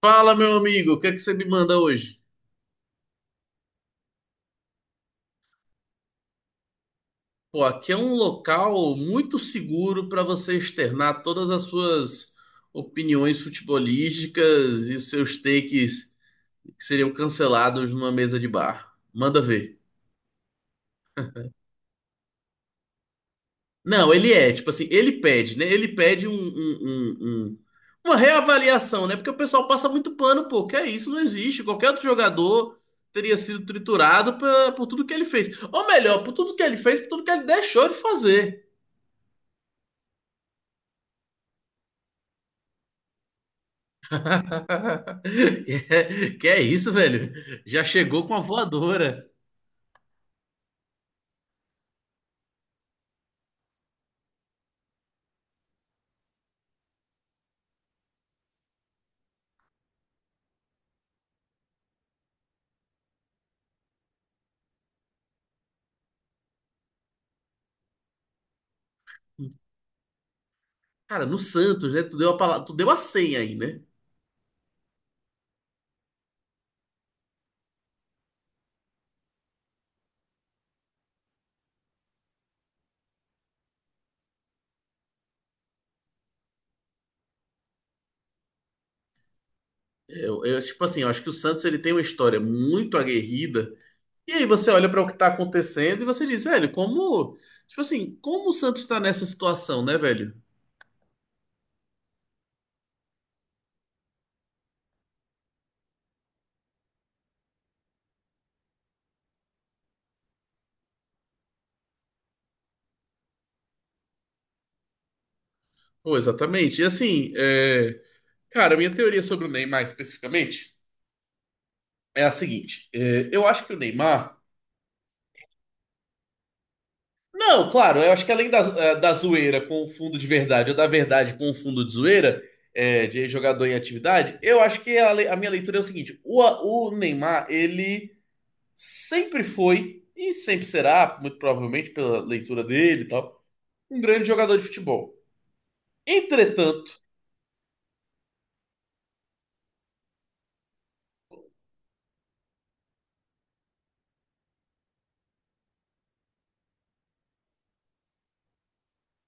Fala, meu amigo, o que é que você me manda hoje? Pô, aqui é um local muito seguro para você externar todas as suas opiniões futebolísticas e os seus takes que seriam cancelados numa mesa de bar. Manda ver. Não, ele é, tipo assim, ele pede, né? Ele pede um- uma reavaliação, né? Porque o pessoal passa muito pano, pô, que é isso, não existe. Qualquer outro jogador teria sido triturado por tudo que ele fez. Ou melhor, por tudo que ele fez, por tudo que ele deixou de fazer. Que, é isso, velho? Já chegou com a voadora. Cara, no Santos, né? Tu deu a palavra, tu deu a senha aí, né? Eu, tipo assim, eu acho que o Santos ele tem uma história muito aguerrida. E aí você olha para o que tá acontecendo e você diz, velho, como, tipo assim, como o Santos tá nessa situação, né, velho? Pô, exatamente. E assim, é, cara, minha teoria sobre o Neymar especificamente é a seguinte: é, eu acho que o Neymar. Não, claro, eu acho que além da, da zoeira com o fundo de verdade ou da verdade com o fundo de zoeira, de jogador em atividade, eu acho que a minha leitura é o seguinte: o Neymar, ele sempre foi e sempre será, muito provavelmente pela leitura dele e tal, um grande jogador de futebol. Entretanto,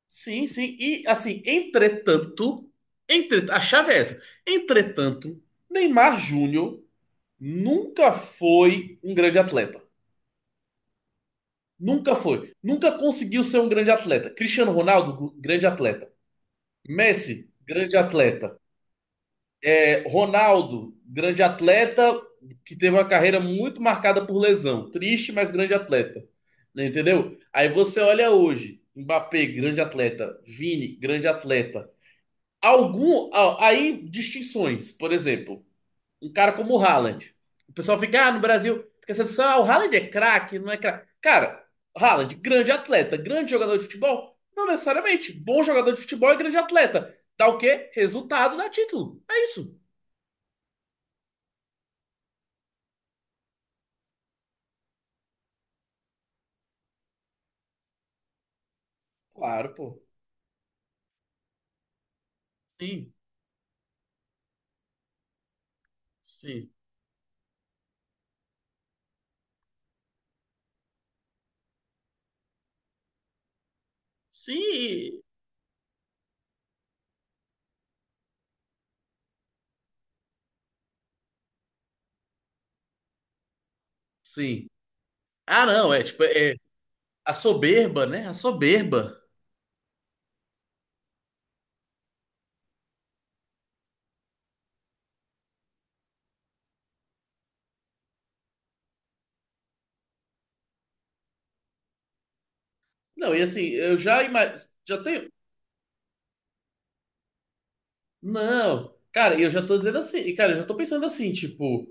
sim, sim, e assim, entretanto, entre, a chave é essa: entretanto, Neymar Júnior nunca foi um grande atleta. Nunca foi. Nunca conseguiu ser um grande atleta. Cristiano Ronaldo, grande atleta. Messi, grande atleta. É, Ronaldo, grande atleta, que teve uma carreira muito marcada por lesão. Triste, mas grande atleta. Entendeu? Aí você olha hoje, Mbappé, grande atleta. Vini, grande atleta. Algum, aí distinções, por exemplo um cara como o Haaland. O pessoal fica, ah, no Brasil, fica essa discussão, ah, o Haaland é craque, não é craque. Cara, Haaland, grande atleta, grande jogador de futebol? Não necessariamente. Bom jogador de futebol e grande atleta. Dá o quê? Resultado, dá título. É isso. Claro, pô. Sim, sim. Sim, sim. Ah, não, é tipo, é a soberba, né? A soberba. Não, e assim, eu já imagino. Já tenho. Não, cara, eu já tô dizendo assim. E, cara, eu já tô pensando assim, tipo,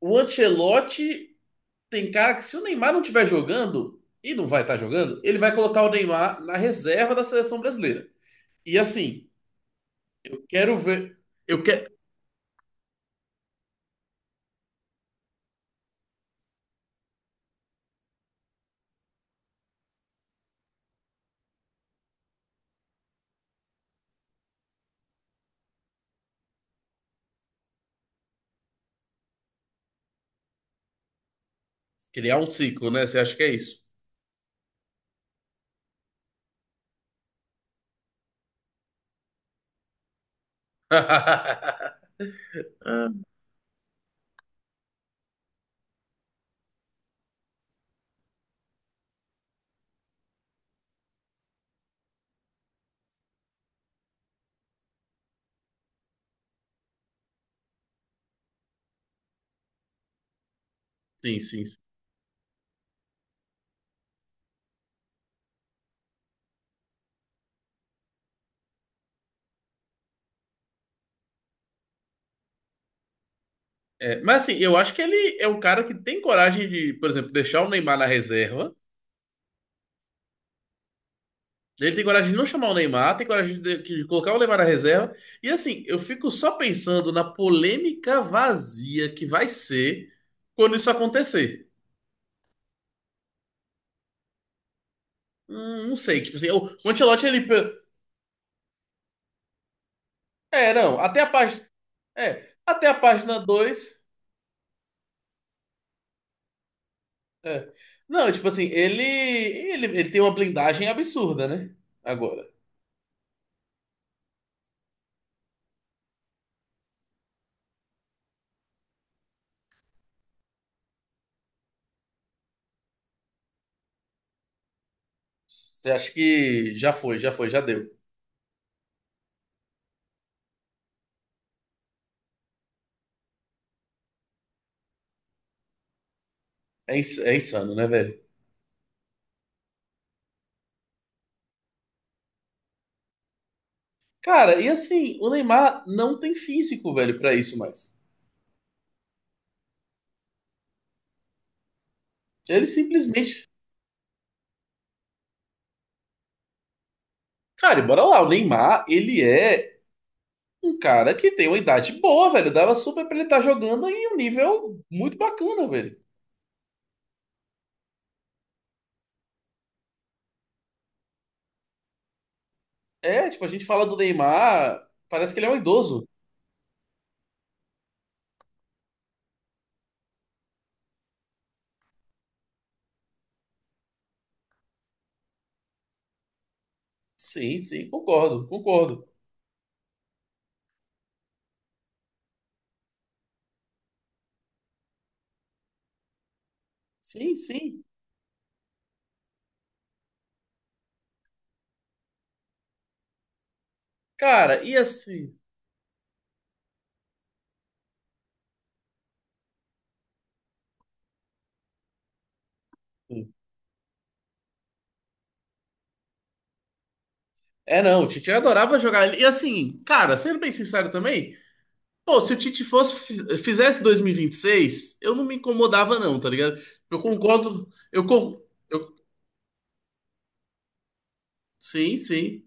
o Ancelotti tem cara que se o Neymar não estiver jogando, e não vai estar jogando, ele vai colocar o Neymar na reserva da seleção brasileira. E assim, eu quero ver. Eu quero criar um ciclo, né? Você acha que é isso? Ah, sim, sim. Sim. É, mas assim, eu acho que ele é um cara que tem coragem de, por exemplo, deixar o Neymar na reserva. Ele tem coragem de não chamar o Neymar, tem coragem de colocar o Neymar na reserva. E assim, eu fico só pensando na polêmica vazia que vai ser quando isso acontecer. Não sei, tipo assim, o Ancelotti, ele... pe-. É, não, até a página... É, até a página dois. É. Não, tipo assim, ele... Ele tem uma blindagem absurda, né? Agora. Você acha que já foi, já foi, já deu. É, é insano, né, velho? Cara, e assim, o Neymar não tem físico, velho, pra isso mais. Ele simplesmente... Cara, e bora lá, o Neymar, ele é um cara que tem uma idade boa, velho. Dava super pra ele estar jogando em um nível muito bacana, velho. É, tipo, a gente fala do Neymar, parece que ele é um idoso. Sim, sim, concordo, concordo. Sim, sim. Cara, e assim. É, não, o Tite adorava jogar ele. E assim, cara, sendo bem sincero também, pô, se o Tite fosse, fizesse 2026, eu não me incomodava, não, tá ligado? Eu concordo. Eu, eu, sim, sim.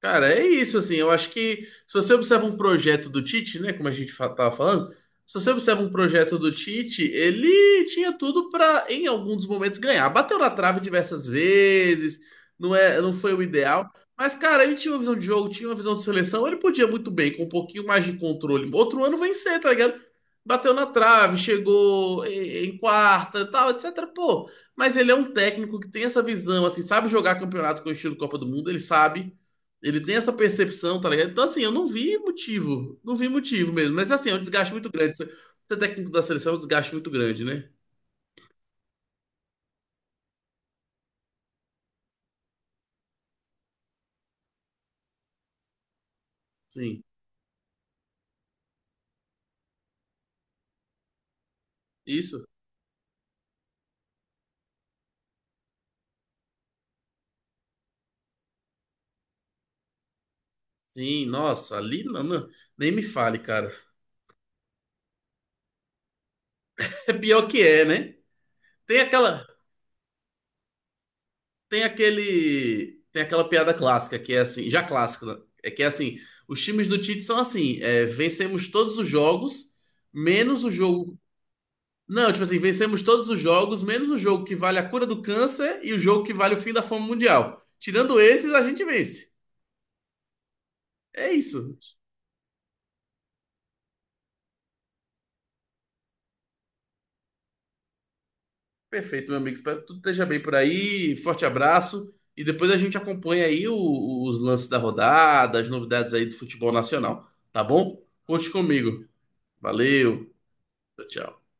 Cara, é isso, assim, eu acho que se você observa um projeto do Tite, né, como a gente tava falando, se você observa um projeto do Tite, ele tinha tudo para em alguns momentos, ganhar. Bateu na trave diversas vezes, não é, não foi o ideal, mas, cara, ele tinha uma visão de jogo, tinha uma visão de seleção, ele podia muito bem, com um pouquinho mais de controle, outro ano vencer, tá ligado? Bateu na trave, chegou em quarta, tal, etc, pô, mas ele é um técnico que tem essa visão, assim, sabe jogar campeonato com o estilo Copa do Mundo, ele sabe, ele tem essa percepção, tá ligado? Então, assim, eu não vi motivo. Não vi motivo mesmo. Mas, assim, é um desgaste muito grande. Ser técnico da seleção é um desgaste muito grande, né? Sim. Isso? Sim, nossa, ali não, não. Nem me fale, cara. É pior que é, né? Tem aquela. Tem aquele. Tem aquela piada clássica, que é assim, já clássica, né? É que é assim, os times do Tite são assim, é, vencemos todos os jogos, menos o jogo. Não, tipo assim, vencemos todos os jogos, menos o jogo que vale a cura do câncer e o jogo que vale o fim da fome mundial. Tirando esses, a gente vence. É isso. Perfeito, meu amigo. Espero que tudo esteja bem por aí. Forte abraço. E depois a gente acompanha aí os lances da rodada, as novidades aí do futebol nacional. Tá bom? Conte comigo. Valeu. Tchau, tchau.